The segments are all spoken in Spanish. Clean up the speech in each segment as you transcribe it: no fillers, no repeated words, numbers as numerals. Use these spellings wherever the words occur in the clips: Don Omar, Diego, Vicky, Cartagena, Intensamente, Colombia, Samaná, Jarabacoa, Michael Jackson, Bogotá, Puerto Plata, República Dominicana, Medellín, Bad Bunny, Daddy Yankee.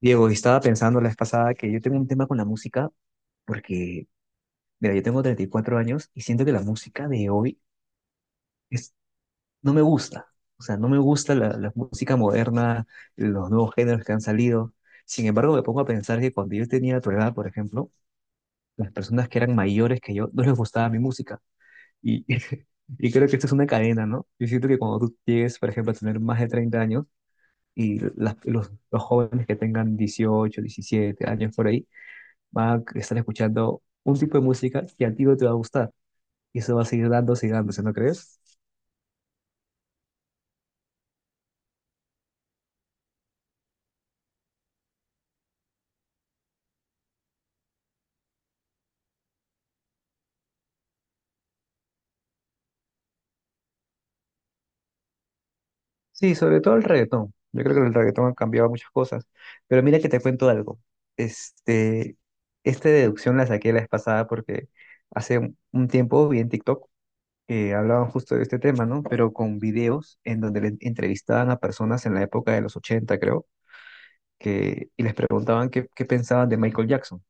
Diego, estaba pensando la vez pasada que yo tengo un tema con la música porque, mira, yo tengo 34 años y siento que la música de hoy es, no me gusta. O sea, no me gusta la música moderna, los nuevos géneros que han salido. Sin embargo, me pongo a pensar que cuando yo tenía tu edad, por ejemplo, las personas que eran mayores que yo no les gustaba mi música. Y, y creo que esto es una cadena, ¿no? Yo siento que cuando tú llegues, por ejemplo, a tener más de 30 años y los jóvenes que tengan 18, 17 años por ahí, va a estar escuchando un tipo de música que a ti no te va a gustar. Y eso va a seguir dándose y dándose, ¿no crees? Sí, sobre todo el reggaetón. Yo creo que el reggaetón ha cambiado muchas cosas. Pero mira que te cuento algo. Este, Esta deducción la saqué la vez pasada porque hace un tiempo vi en TikTok que hablaban justo de este tema, ¿no? Pero con videos en donde le entrevistaban a personas en la época de los 80 creo, y les preguntaban qué pensaban de Michael Jackson.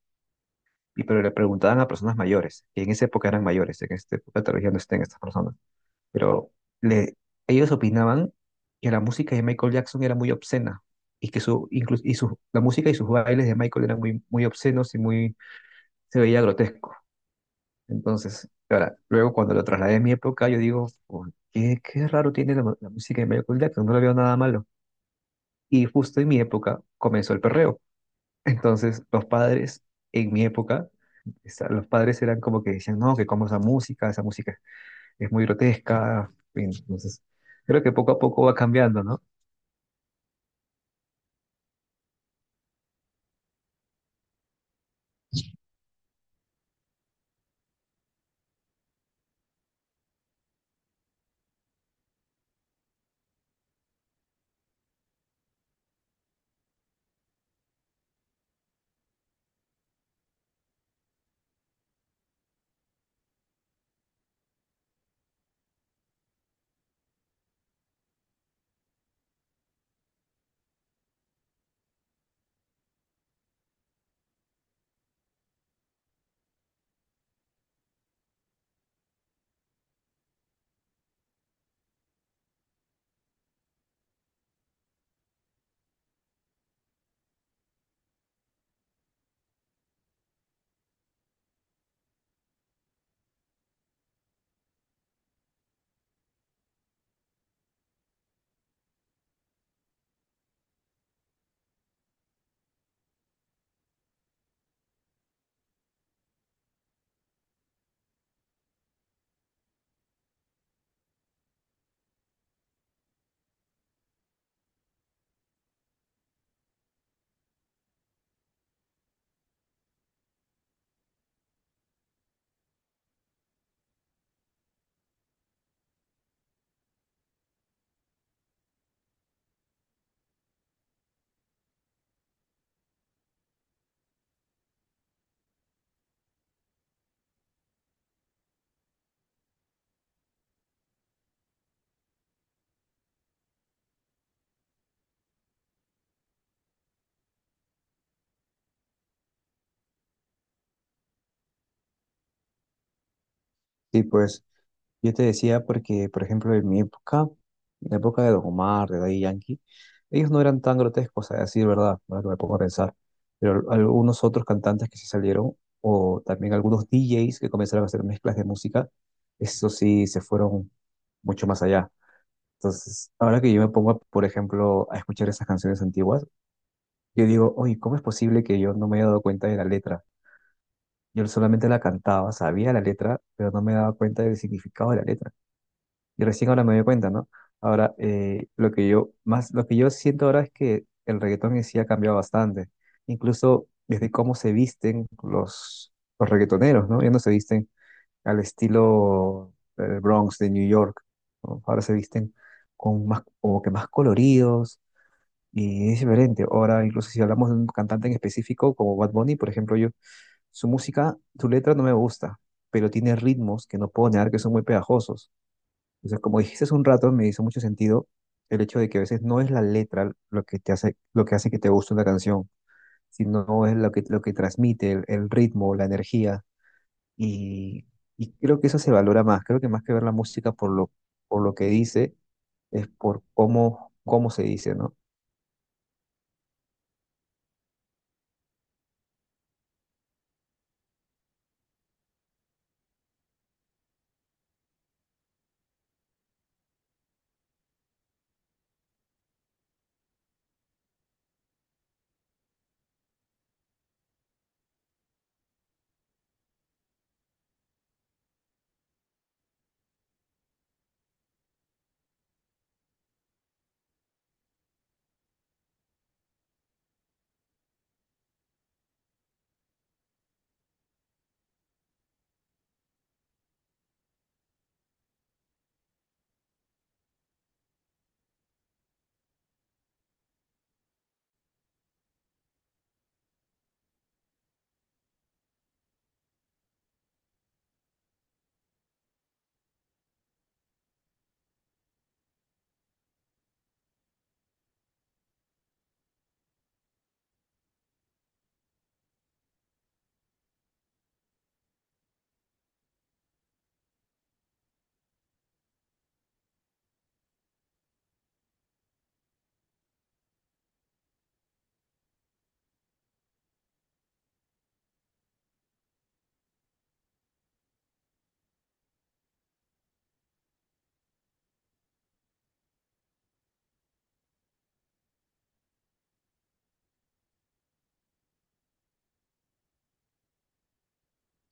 Y pero le preguntaban a personas mayores, que en esa época eran mayores, en esta época todavía no estén estas personas, pero le, ellos opinaban que la música de Michael Jackson era muy obscena y que su, incluso, y su, la música y sus bailes de Michael eran muy obscenos y se veía grotesco. Entonces, ahora, luego cuando lo trasladé a mi época, yo digo, "Oh, qué raro tiene la música de Michael Jackson, no le veo nada malo. Y justo en mi época comenzó el perreo. Entonces, los padres, en mi época, los padres eran como que decían, no, que como esa música es muy grotesca. En fin. Entonces, creo que poco a poco va cambiando, ¿no? Sí, pues yo te decía porque, por ejemplo, en mi época, en la época de Don Omar, de Daddy Yankee, ellos no eran tan grotescos, a decir verdad, ahora que me pongo a pensar, pero algunos otros cantantes que se salieron, o también algunos DJs que comenzaron a hacer mezclas de música, eso sí se fueron mucho más allá. Entonces, ahora que yo me pongo, por ejemplo, a escuchar esas canciones antiguas, yo digo, oye, ¿cómo es posible que yo no me haya dado cuenta de la letra? Yo solamente la cantaba, sabía la letra, pero no me daba cuenta del significado de la letra. Y recién ahora me doy cuenta, ¿no? Ahora, lo que yo más, lo que yo siento ahora es que el reggaetón en sí ha cambiado bastante. Incluso desde cómo se visten los reggaetoneros, ¿no? Ya no se visten al estilo del Bronx de New York, ¿no? Ahora se visten con más, como que más coloridos y es diferente. Ahora, incluso si hablamos de un cantante en específico, como Bad Bunny, por ejemplo, yo, su música, su letra no me gusta, pero tiene ritmos que no puedo negar que son muy pegajosos. Entonces, como dijiste hace un rato, me hizo mucho sentido el hecho de que a veces no es la letra lo que te hace, lo que hace que te guste una canción, sino es lo que transmite, el ritmo, la energía. Y, y creo que eso se valora más. Creo que más que ver la música por lo que dice, es por cómo, cómo se dice, ¿no?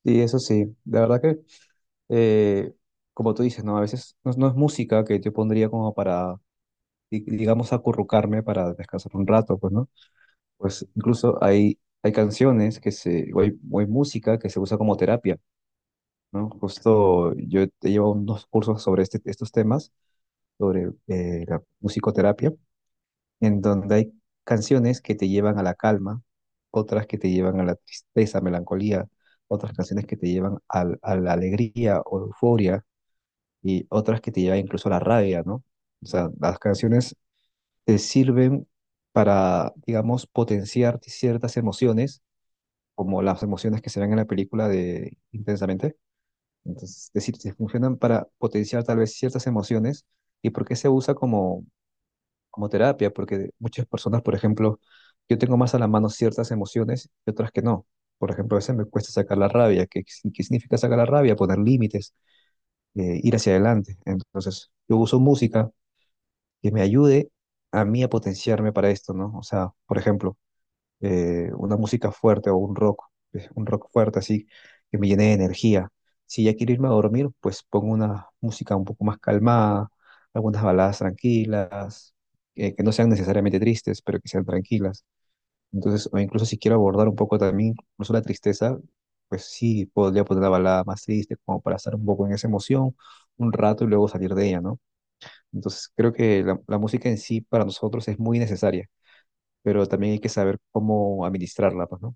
Y eso sí, la verdad que eh, como tú dices, ¿no? A veces no es música que yo pondría como para, digamos, acurrucarme para descansar un rato, pues, ¿no? Pues incluso hay canciones que se, o hay música que se usa como terapia, ¿no? Justo yo he llevado unos cursos sobre estos temas, sobre la musicoterapia, en donde hay canciones que te llevan a la calma, otras que te llevan a la tristeza, melancolía, otras canciones que te llevan a la alegría o euforia y otras que te llevan incluso a la rabia, ¿no? O sea, las canciones te sirven para, digamos, potenciar ciertas emociones, como las emociones que se ven en la película de Intensamente. Entonces, es decir, te funcionan para potenciar tal vez ciertas emociones y porque se usa como, como terapia, porque muchas personas, por ejemplo, yo tengo más a la mano ciertas emociones y otras que no. Por ejemplo, a veces me cuesta sacar la rabia. ¿Qué, qué significa sacar la rabia? Poner límites, ir hacia adelante. Entonces, yo uso música que me ayude a mí a potenciarme para esto, ¿no? O sea, por ejemplo, una música fuerte o un rock fuerte así, que me llene de energía. Si ya quiero irme a dormir, pues pongo una música un poco más calmada, algunas baladas tranquilas, que no sean necesariamente tristes, pero que sean tranquilas. Entonces, o incluso si quiero abordar un poco también, incluso la tristeza, pues sí, podría poner una balada más triste, como para estar un poco en esa emoción un rato y luego salir de ella, ¿no? Entonces creo que la música en sí para nosotros es muy necesaria, pero también hay que saber cómo administrarla, pues, ¿no?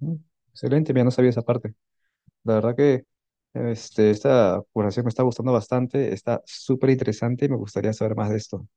Mm, excelente, mira, no sabía esa parte. La verdad que esta conversación me está gustando bastante, está súper interesante y me gustaría saber más de esto.